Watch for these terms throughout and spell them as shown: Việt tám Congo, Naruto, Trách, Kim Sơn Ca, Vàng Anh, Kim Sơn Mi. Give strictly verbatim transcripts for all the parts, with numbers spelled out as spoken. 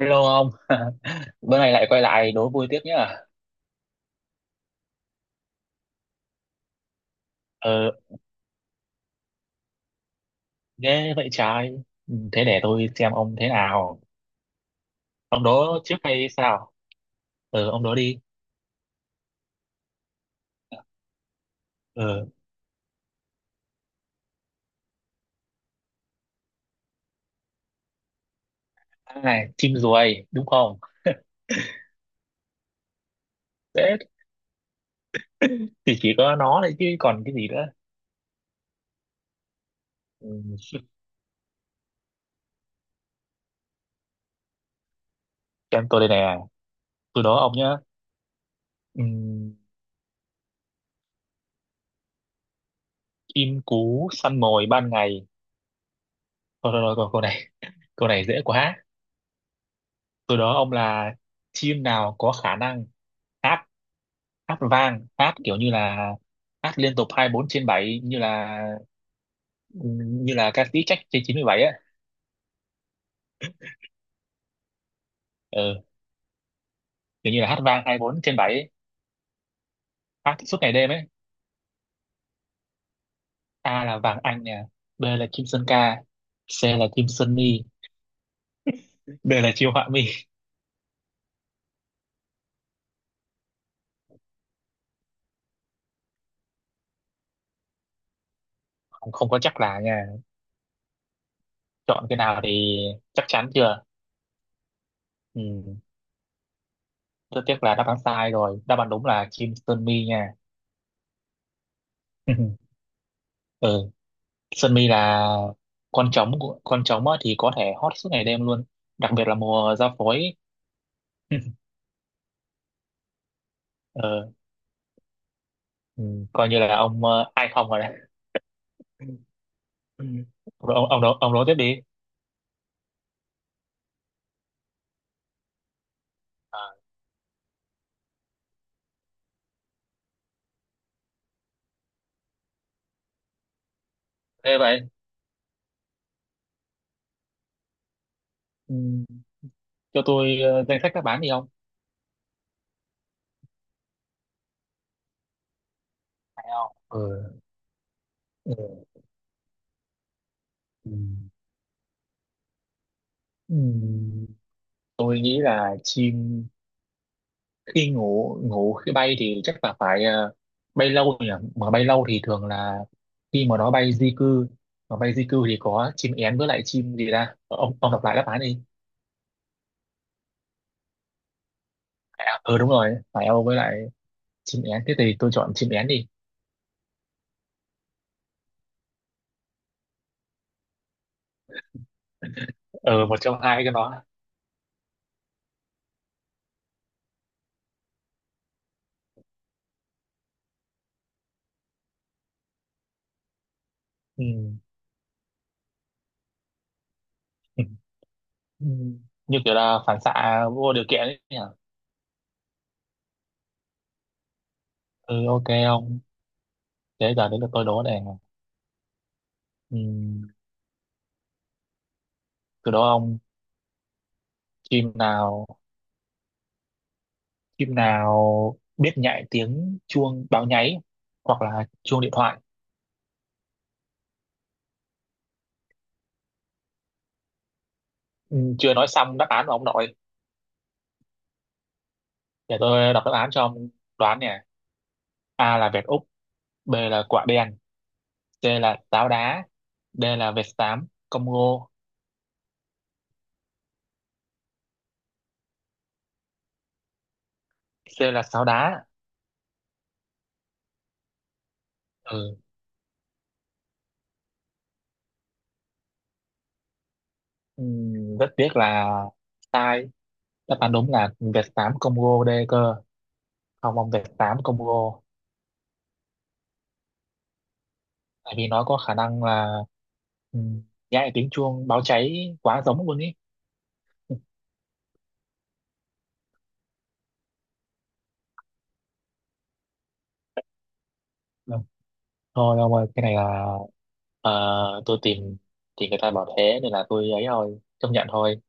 Hello ông, bữa nay lại quay lại đố vui tiếp nhá. Ờ, thế vậy trai, thế để tôi xem ông thế nào. Ông đố trước hay sao? Ờ, ông đố đi. Ờ, à, chim ruồi, đúng không? Thế thì chỉ có nó đấy chứ còn cái gì nữa. Ừ, xem tôi đây nè, tôi đố ông nhá. Ừm, chim cú săn mồi ban ngày. Thôi, thôi, thôi, câu câu này, câu này dễ quá. Tôi đố ông là chim nào có khả năng hát hát vang hát kiểu như là hát liên tục hai mươi bốn trên bảy như là như là ca sĩ Trách trên chín bảy ấy, ừ, kiểu như là hát vang hai mươi bốn trên bảy ấy, hát suốt ngày đêm ấy. A là Vàng Anh nè, B là Kim Sơn Ca, C là Kim Sơn Mi, D là Chiêu Họa Mi. Không, không có chắc là nha, chọn cái nào thì chắc chắn chưa. Ừ. Rất tiếc là đáp án sai rồi, đáp án đúng là Kim Sơn Mi nha. Ừ. Sơn Mi là con trống của- con trống á thì có thể hot suốt ngày đêm luôn, đặc biệt là mùa ra phối. ờ, ừ, coi như là ông ờ, ai không rồi đấy. Ừ. ông ông ông, nói- ông nói tiếp đi. À, thế vậy, ừ, cho tôi ờ, danh sách các bán đi không? Phải không? Ừ. Ừ. Ừ. Ừ. Tôi nghĩ là chim khi ngủ ngủ khi bay thì chắc là phải ờ, bay lâu nhỉ, mà bay lâu thì thường là khi mà nó bay di cư, mà bay di cư thì có chim én với lại chim gì ra. Ông ông đọc lại đáp án đi. Phải không? Ừ, đúng rồi, phải Âu với lại chim én, thế thì tôi chọn chim én đi. Ừ, một trong hai cái đó. Ừ. Ừ. Ừ. Như kiểu là phản xạ vô điều kiện ấy nhỉ. Ừ, ok ông, thế giờ đến lượt tôi đố này. Ừ. Từ đó ông, chim nào chim nào biết nhại tiếng chuông báo nháy hoặc là chuông điện thoại. Ừ. Chưa nói xong đáp án của ông nội. Để tôi đọc đáp án cho ông đoán nè. A là vẹt Úc, B là quả đen, C là táo đá, D là vẹt xám Congo. C là sáo đá. Ừ. Ừ. Rất tiếc là sai, đáp án đúng là Việt tám Congo D cơ. Không ông, Việt tám Congo, tại vì nó có khả năng là ừ, nhái tiếng chuông báo cháy quá giống luôn ý. Ừ. Thôi ông ơi, cái này là ờ, tôi tìm thì người ta bảo thế nên là tôi ấy thôi, chấp nhận thôi.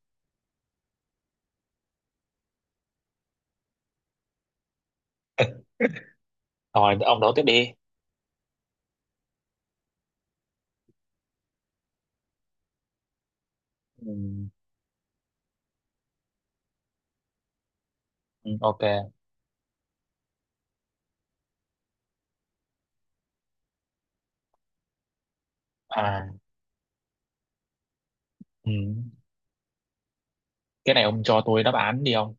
Rồi ông đó tiếp đi. ừ, ừ, ok, à, ừ. Cái này ông cho tôi đáp án đi ông.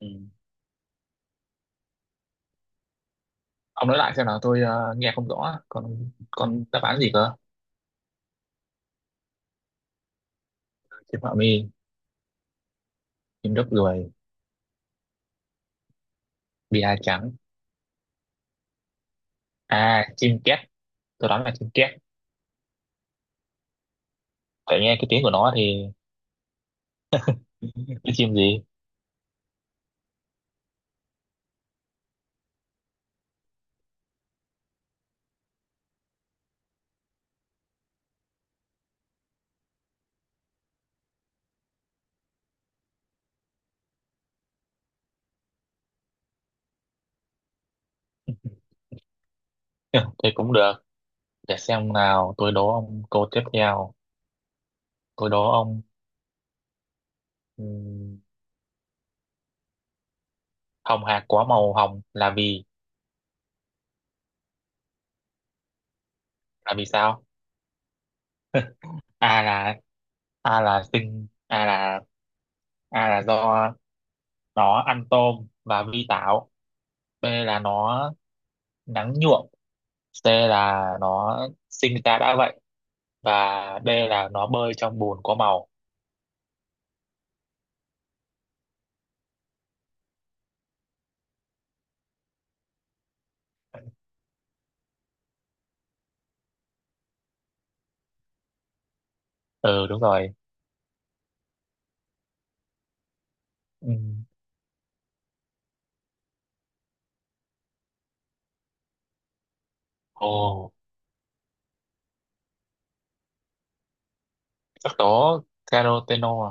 Ừ. Ông nói lại xem nào, tôi ờ, nghe không rõ, còn còn đáp án gì cơ. Chim họa mi. Chim đất ruồi. Bia trắng. À, chim két. Tôi đoán là chim két. Tại nghe cái tiếng của nó thì cái chim gì? Thì cũng được. Để xem nào, tôi đố ông câu tiếp theo. Tôi đố ông, ừm, hồng hạc có màu hồng là vì, là vì sao? A là, A là sinh, A là A là do nó ăn tôm và vi tảo. B là nó nắng nhuộm. C là nó sinh ra đã vậy, và D là nó bơi trong bùn có màu. Ừ đúng rồi. Ừ. Ồ, sắc tố caroteno à?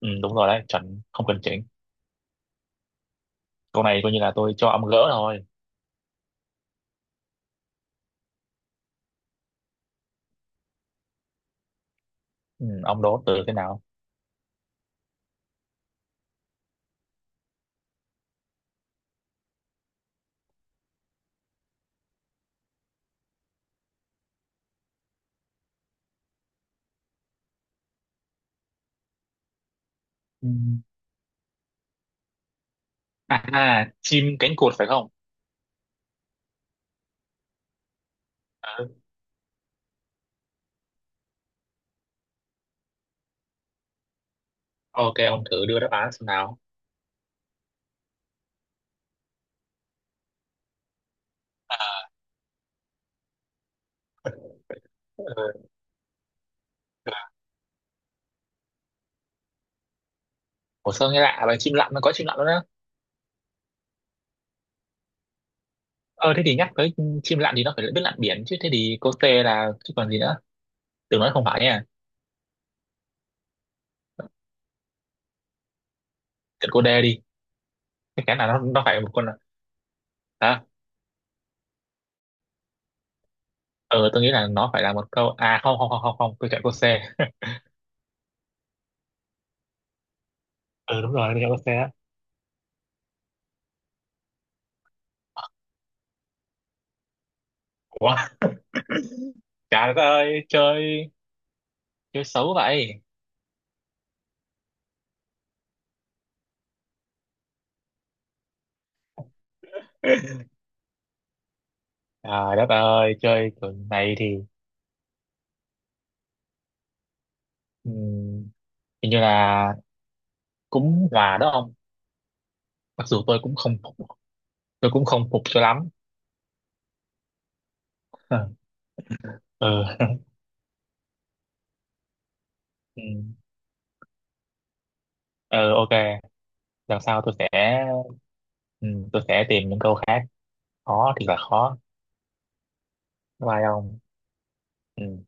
Ừ, đúng rồi đấy, chuẩn, không cần chỉnh. Câu này coi như là tôi cho ông gỡ thôi. Ừ, ông đố từ thế nào? Ừ. À, à, chim cánh cụt phải không? Ừ. Ok, ông thử đưa đáp án xem nào. Ừ. Ủa sao nghe lạ vậy? Chim lặn nó có chim lặn luôn á. Ờ, thế thì nhắc tới chim lặn thì nó phải biết lặn biển chứ. Thế thì cô T là chứ còn gì nữa. Tưởng nói không phải nha. Tưởng cô D đi. Chắc chắn là nó nó phải một con, hả? Ờ, tôi nghĩ là nó phải là một câu. À không không không không, không. Tôi chọn cô C. Ừ đúng rồi, tôi chọn cô C á. Ủa? Trời đất ơi chơi, chơi xấu vậy. Trời đất ơi chơi kiểu này thì ừm, hình như là cũng hòa đó ông, mặc dù tôi cũng không phục, tôi cũng không phục cho lắm. Ờ, ừ, ừ, ừ, ok. Lần sau tôi sẽ ừm, tôi sẽ tìm những câu khác, khó thì là khó. Bye bye ông. Ừ.